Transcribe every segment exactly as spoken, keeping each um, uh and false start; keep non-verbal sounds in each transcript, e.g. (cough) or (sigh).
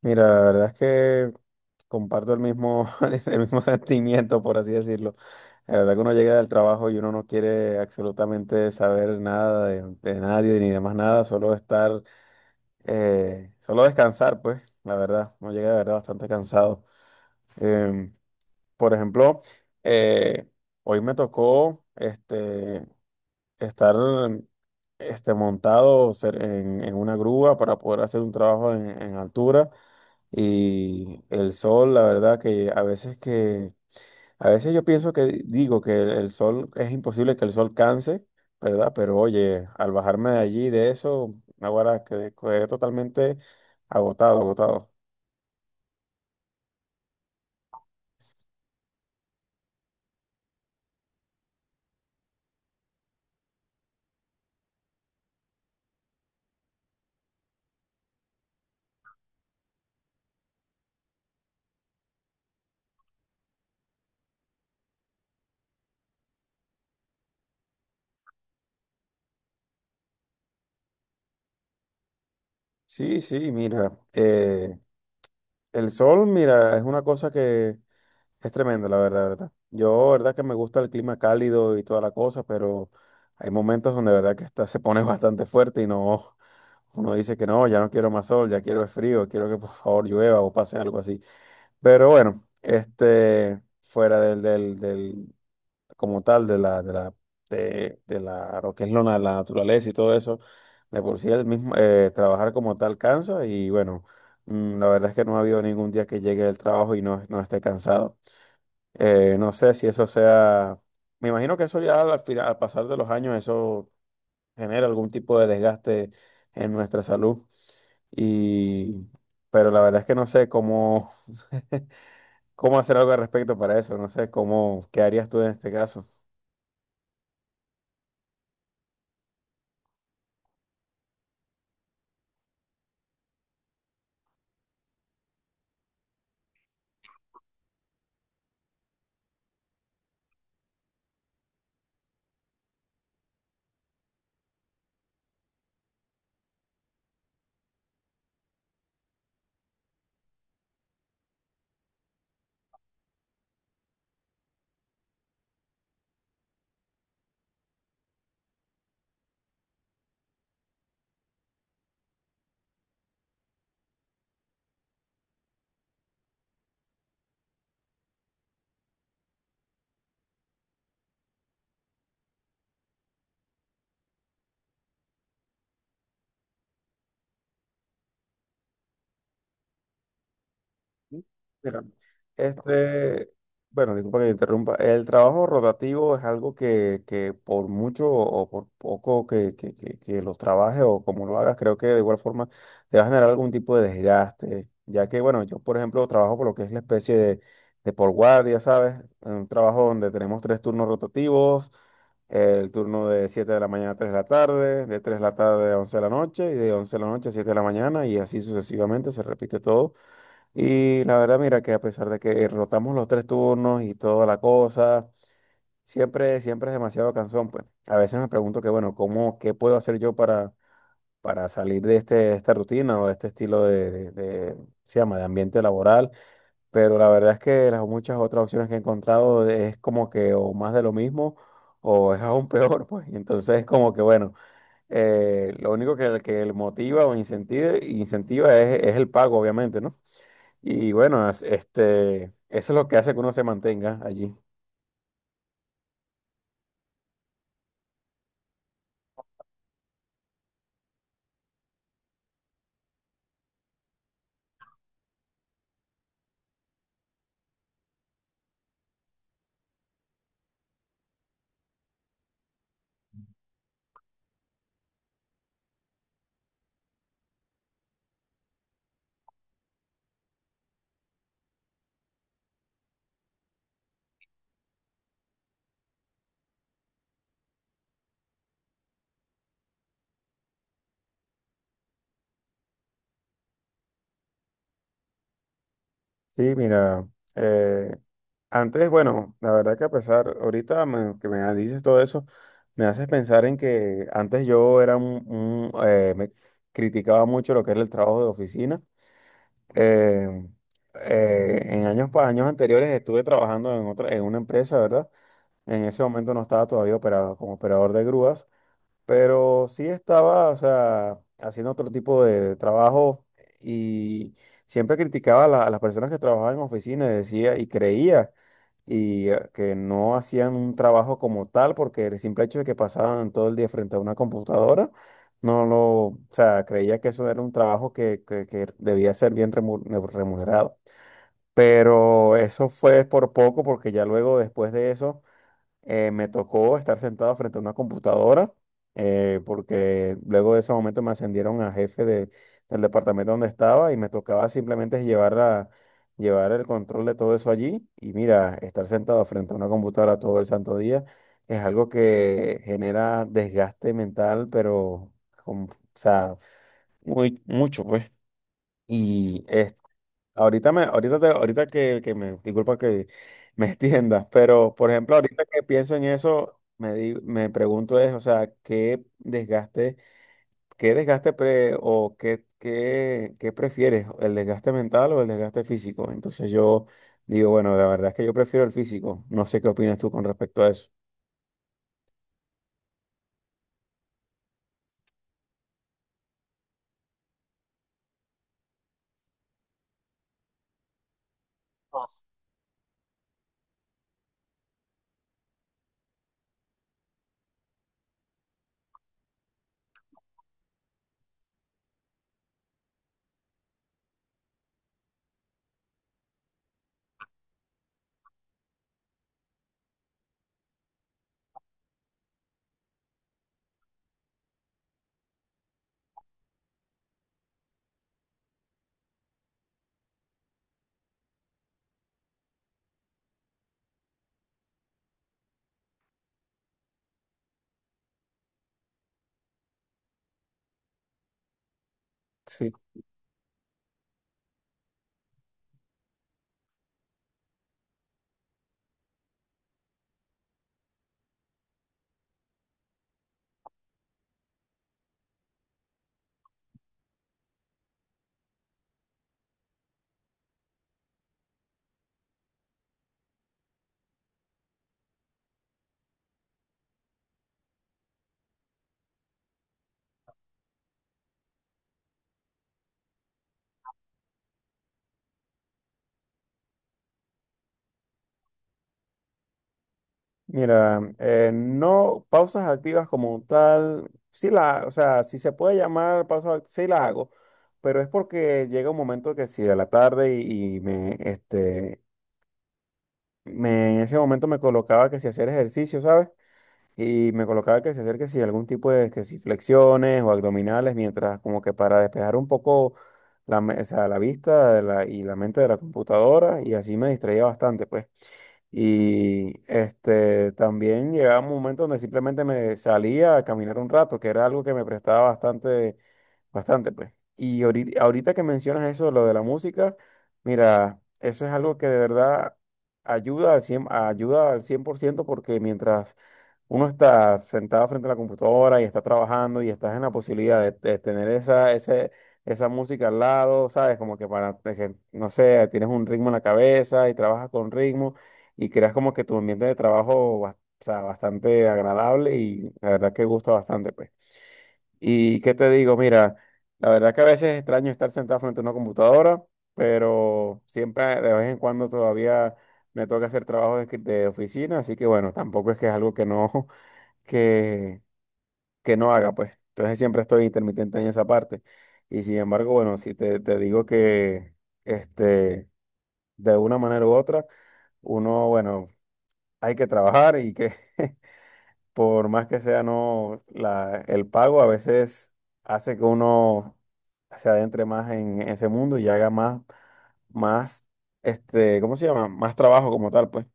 Mira, la verdad es que comparto el mismo, (laughs) el mismo sentimiento, por así decirlo. La verdad que uno llega del trabajo y uno no quiere absolutamente saber nada de, de nadie ni de más nada, solo estar, eh, solo descansar, pues, la verdad. Uno llega de verdad bastante cansado. Em, por ejemplo, eh, hoy me tocó este, estar este, montado ser- en, en una grúa para poder hacer un trabajo en en altura. Y el sol, la verdad que a veces que, a veces yo pienso que digo que el, el sol, es imposible que el sol canse, ¿verdad? Pero oye, al bajarme de allí, de eso, ahora quedé, quedé totalmente agotado, agotado. Sí, sí, mira, eh, el sol, mira, es una cosa que es tremenda, la verdad, verdad. Yo, verdad que me gusta el clima cálido y toda la cosa, pero hay momentos donde, verdad que está, se pone (laughs) bastante fuerte y no. Uno dice que no, ya no quiero más sol, ya quiero es frío, quiero que por favor llueva o pase algo así. Pero bueno, este, fuera del, del, del, como tal, de la, de la, de, de la, lo que es lo na- la naturaleza y todo eso, de por sí el mismo, eh, trabajar como tal cansa y bueno, mm, la verdad es que no ha habido ningún día que llegue del trabajo y no, no esté cansado. Eh, no sé si eso sea, me imagino que eso ya al final, al pasar de los años, eso genera algún tipo de desgaste en nuestra salud. Y, pero la verdad es que no sé cómo, (laughs) cómo hacer algo al respecto para eso. No sé cómo, ¿qué harías tú en este caso? Mira, este, bueno, disculpa que te interrumpa. El trabajo rotativo es algo que, que por mucho o por poco que, que, que, que lo trabajes o como lo hagas, creo que de igual forma te va a generar algún tipo de desgaste. Ya que, bueno, yo por ejemplo trabajo por lo que es la especie de, de por guardia, ¿sabes? En un trabajo donde tenemos tres turnos rotativos, el turno de siete de la mañana a tres de la tarde, de tres de la tarde a once de la noche y de once de la noche a siete de la mañana y así sucesivamente se repite todo y la verdad, mira que a pesar de que rotamos los tres turnos y toda la cosa, siempre, siempre es demasiado cansón, pues. A veces me pregunto que, bueno, ¿cómo, qué puedo hacer yo para, para salir de este, esta rutina o de este estilo de, de, de, se llama, de ambiente laboral? Pero la verdad es que las muchas otras opciones que he encontrado de- es como que o más de lo mismo o es aún (laughs) peor, pues. Y entonces como que, bueno, eh, lo único que, que motiva o incentiva, incentiva es, es el pago, obviamente, ¿no? Y bueno, as- este, eso es lo que hace que uno se mantenga allí. Sí, mira, eh, antes, bueno, la verdad que a pesar, ahorita me- que me dices todo eso, me haces pensar en que antes yo era un, un, eh, me criticaba mucho lo que era el trabajo de oficina. Eh, eh, en años, pa- años anteriores estuve trabajando en otra, en una empresa, ¿verdad? En ese momento no estaba todavía operado como operador de grúas. Pero sí estaba, o sea, haciendo otro tipo de trabajo y siempre criticaba a, la- a las personas que trabajaban en oficinas, decía y creía y eh, que no hacían un trabajo como tal porque el simple hecho de que pasaban todo el día frente a una computadora, no lo, o sea, creía que eso era un trabajo que, que- que debía ser bien remu- remunerado. Pero eso fue por poco porque ya luego después de eso eh, me tocó estar sentado frente a una computadora, eh, porque luego de ese momento me ascendieron a jefe de- del departamento donde estaba y me tocaba simplemente llevar, la- llevar el control de todo eso allí. Y mira, estar sentado frente a una computadora todo el santo día es algo que genera desgaste mental, pero, con- o sea, muy, mucho, pues. Y Ahorita me, ahorita te- ahorita que, que me, disculpa que me (laughs) extiendas, pero por ejemplo, ahorita que pienso en eso, me di- me pregunto es, o sea, ¿qué desgaste, ¿qué desgaste pre- o qué, qué, qué prefieres, el desgaste mental o el desgaste físico? Entonces yo digo, bueno, la verdad es que yo prefiero el físico. No sé qué opinas tú con respecto a eso. Mira, eh, no pausas activas como tal, sí la, o sea, si se puede llamar pausas, act- sí la hago, pero es porque llega un momento que si de la tarde y, y me, este, me, en ese momento me colocaba que si hacer ejercicio, ¿sabes? Y me colocaba que si hacer que si algún tipo de, que si flexiones o abdominales, mientras como que para despejar un poco la, me- o sea, la vista de la- y la mente de la computadora y así me distraía bastante, pues. Y este, también llegaba un momento donde simplemente me salía a caminar un rato, que era algo que me prestaba bastante bastante, pues. Y ahorita, ahorita que mencionas eso, lo de la música, mira, eso es algo que de verdad ayuda al cien ayuda al cien por ciento porque mientras uno está sentado frente a la computadora y está trabajando y estás en la posibilidad de, de tener esa, ese, esa música al lado, ¿sabes? Como que para, de que, no sé, tienes un ritmo en la cabeza y trabajas con ritmo y creas como que tu ambiente de trabajo, bas- o sea, bastante agradable y la verdad que gusta bastante, pues. Y qué te digo, mira, la verdad que a veces es extraño estar sentado frente a una computadora, pero siempre de vez en cuando todavía me toca hacer trabajo de, escri- de oficina, así que bueno, tampoco es que es algo que no, (laughs) que, que no haga, pues. Entonces siempre estoy intermitente en esa parte. Y sin embargo, bueno, si te, te digo que este, de una manera u otra, uno, bueno, hay que trabajar y que (laughs) por más que sea no la, el pago, a veces hace que uno se adentre más en ese mundo y haga más, más, este, ¿cómo se llama? Más trabajo como tal, pues.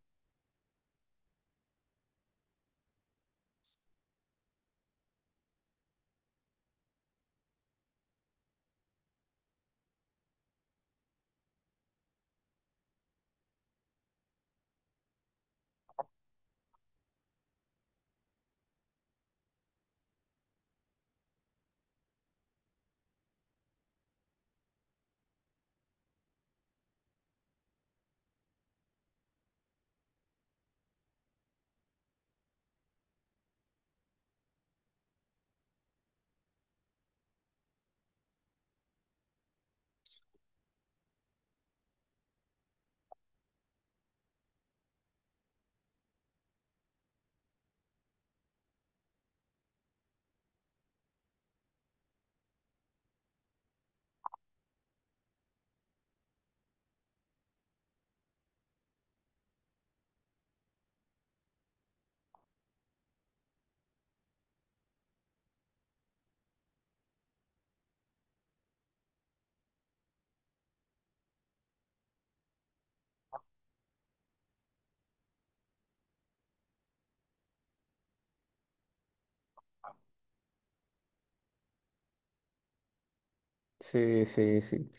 Sí, sí, sí.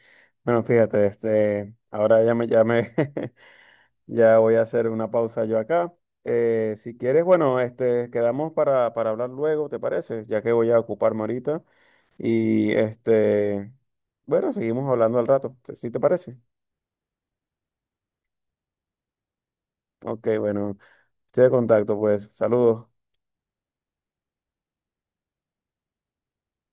Bueno, fíjate, este, ahora ya me, ya me, (laughs) ya voy a hacer una pausa yo acá. Eh, si quieres, bueno, este, quedamos para, para hablar luego, ¿te parece? Ya que voy a ocuparme ahorita. Y este, bueno, seguimos hablando al rato, ¿sí te parece? Ok, bueno. Estoy de contacto, pues. Saludos.